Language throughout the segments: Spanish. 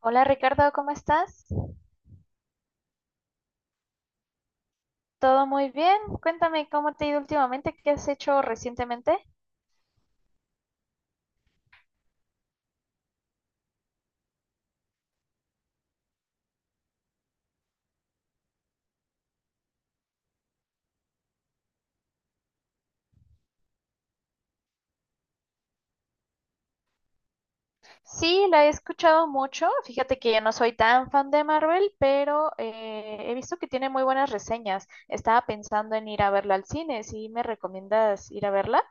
Hola Ricardo, ¿cómo estás? ¿Todo muy bien? Cuéntame cómo te ha ido últimamente, qué has hecho recientemente. Sí, la he escuchado mucho. Fíjate que yo no soy tan fan de Marvel, pero he visto que tiene muy buenas reseñas. Estaba pensando en ir a verla al cine. ¿Sí me recomiendas ir a verla?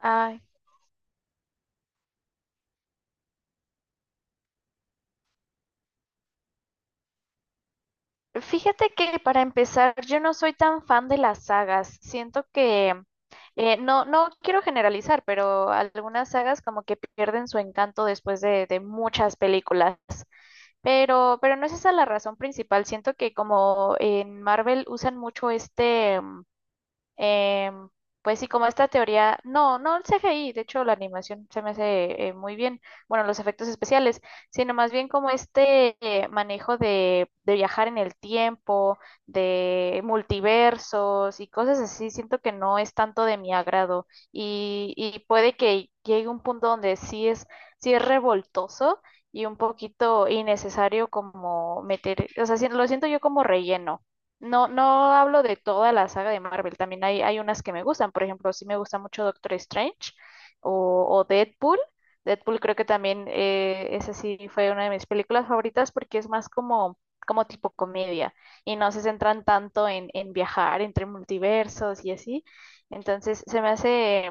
Ay. Fíjate que para empezar, yo no soy tan fan de las sagas. Siento que no, no quiero generalizar, pero algunas sagas como que pierden su encanto después de muchas películas. Pero no es esa la razón principal. Siento que como en Marvel usan mucho este. Em, pues sí, como esta teoría, no, no el CGI, de hecho la animación se me hace muy bien, bueno, los efectos especiales, sino más bien como este manejo de viajar en el tiempo, de multiversos y cosas así, siento que no es tanto de mi agrado y puede que llegue un punto donde sí es revoltoso y un poquito innecesario como meter, o sea, lo siento yo como relleno. No, no hablo de toda la saga de Marvel, también hay unas que me gustan, por ejemplo, sí me gusta mucho Doctor Strange o Deadpool. Deadpool creo que también esa sí fue una de mis películas favoritas porque es más como tipo comedia y no se centran tanto en viajar entre multiversos y así. Entonces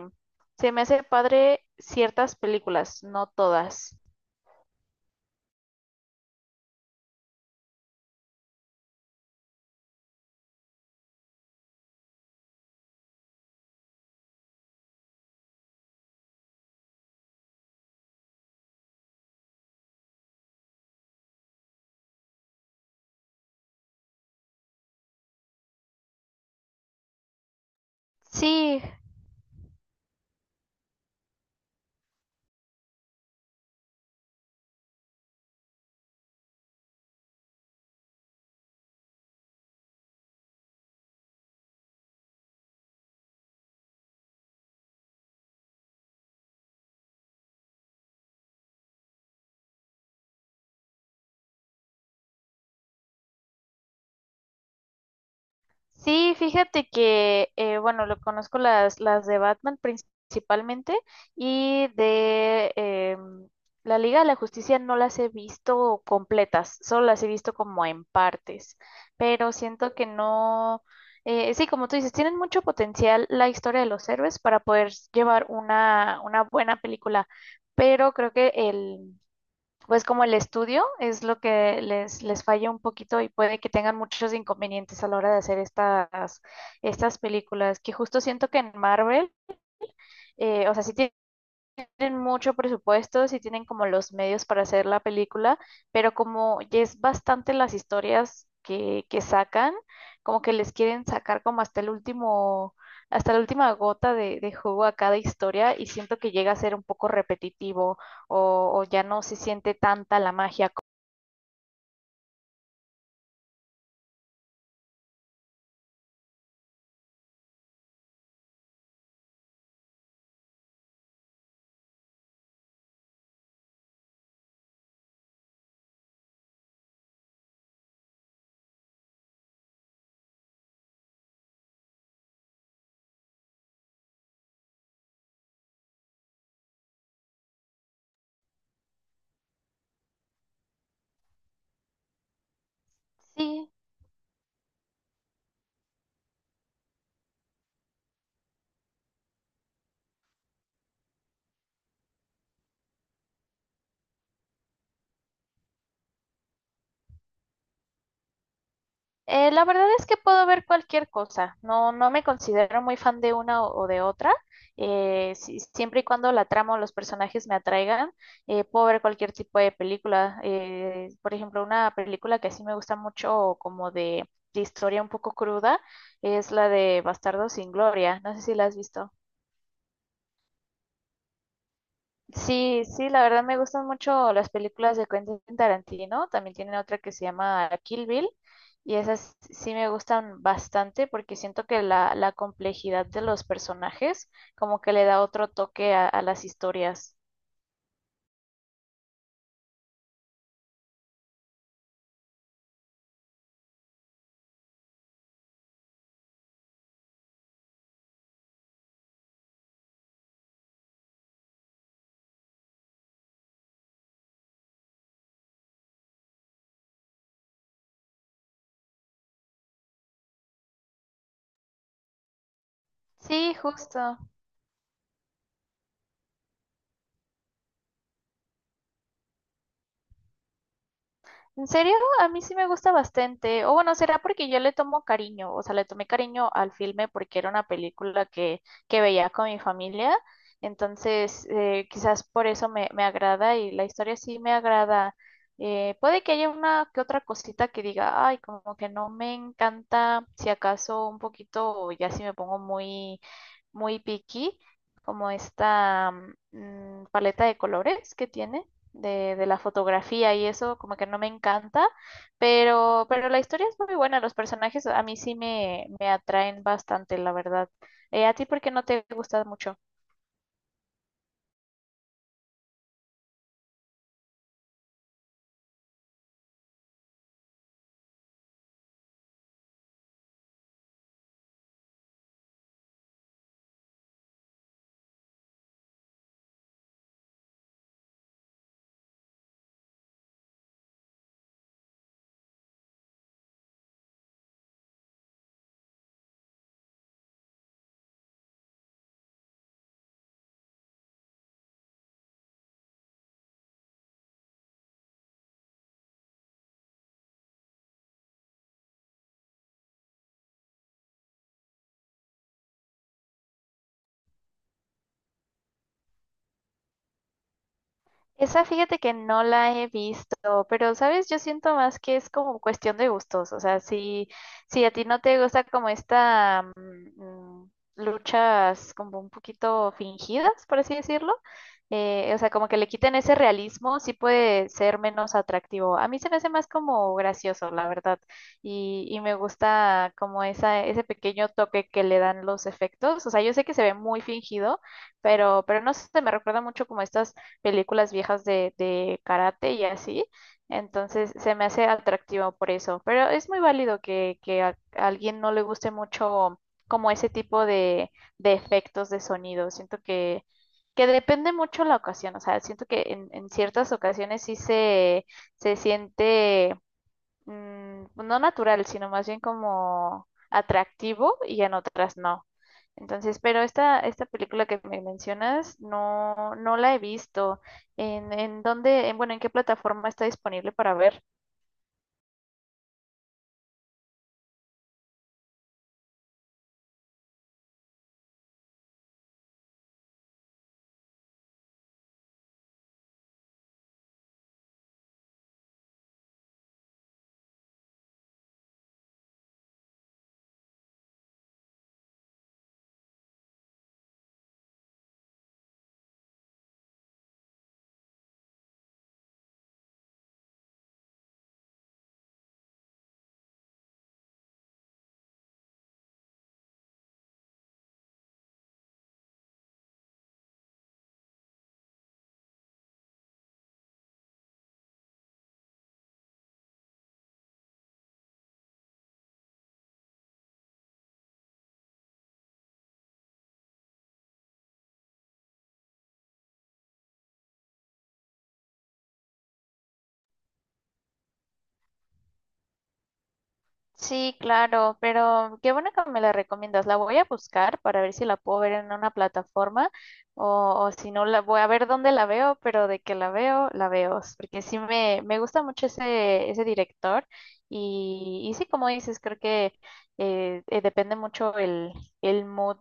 se me hace padre ciertas películas, no todas. Sí. Sí, fíjate que, bueno, lo conozco las de Batman principalmente y de la Liga de la Justicia no las he visto completas, solo las he visto como en partes, pero siento que no, sí, como tú dices, tienen mucho potencial la historia de los héroes para poder llevar una buena película, pero creo pues como el estudio es lo que les falla un poquito y puede que tengan muchos inconvenientes a la hora de hacer estas películas, que justo siento que en Marvel, o sea, sí tienen mucho presupuesto, sí tienen como los medios para hacer la película, pero como ya es bastante las historias que sacan, como que les quieren sacar como hasta el último... Hasta la última gota de jugo a cada historia y siento que llega a ser un poco repetitivo o ya no se siente tanta la magia. Sí, la verdad es que puedo ver cualquier cosa. No, no me considero muy fan de una o de otra. Siempre y cuando la trama o los personajes me atraigan, puedo ver cualquier tipo de película. Por ejemplo, una película que sí me gusta mucho, como de historia un poco cruda, es la de Bastardo sin Gloria. No sé si la has visto. Sí, sí, la verdad me gustan mucho las películas de Quentin Tarantino. También tienen otra que se llama Kill Bill y esas sí me gustan bastante porque siento que la complejidad de los personajes como que le da otro toque a las historias. Sí, justo. ¿En serio? A mí sí me gusta bastante. O bueno, será porque yo le tomo cariño, o sea, le tomé cariño al filme porque era una película que veía con mi familia. Entonces, quizás por eso me agrada y la historia sí me agrada. Puede que haya una que otra cosita que diga, ay, como que no me encanta, si acaso un poquito, o ya si me pongo muy picky, como esta paleta de colores que tiene de la fotografía y eso como que no me encanta, pero la historia es muy buena, los personajes a mí sí me atraen bastante, la verdad. ¿A ti por qué no te gusta mucho? Esa fíjate que no la he visto, pero sabes, yo siento más que es como cuestión de gustos, o sea, si, si a ti no te gusta como esta luchas como un poquito fingidas, por así decirlo, o sea, como que le quiten ese realismo, sí puede ser menos atractivo. A mí se me hace más como gracioso, la verdad, y me gusta como esa, ese pequeño toque que le dan los efectos, o sea, yo sé que se ve muy fingido pero no se me recuerda mucho como estas películas viejas de karate y así. Entonces se me hace atractivo por eso. Pero es muy válido que a alguien no le guste mucho como ese tipo de efectos de sonido. Siento que depende mucho la ocasión. O sea, siento que en ciertas ocasiones sí se siente pues, no natural, sino más bien como atractivo y en otras no. Entonces, pero esta película que me mencionas no, no la he visto. En dónde, en, bueno, en qué plataforma está disponible para ver? Sí, claro, pero qué bueno que me la recomiendas. La voy a buscar para ver si la puedo ver en una plataforma o si no, la voy a ver dónde la veo, pero de que la veo, la veo. Porque sí me gusta mucho ese director y sí, como dices, creo que depende mucho el mood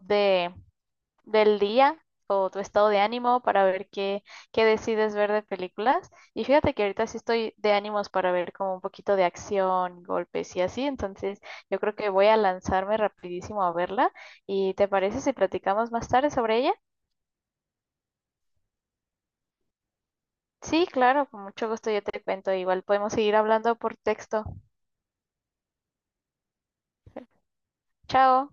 del día o tu estado de ánimo para ver qué decides ver de películas. Y fíjate que ahorita sí estoy de ánimos para ver como un poquito de acción, golpes y así. Entonces yo creo que voy a lanzarme rapidísimo a verla. ¿Y te parece si platicamos más tarde sobre ella? Sí, claro, con mucho gusto yo te cuento. Igual podemos seguir hablando por texto. Chao.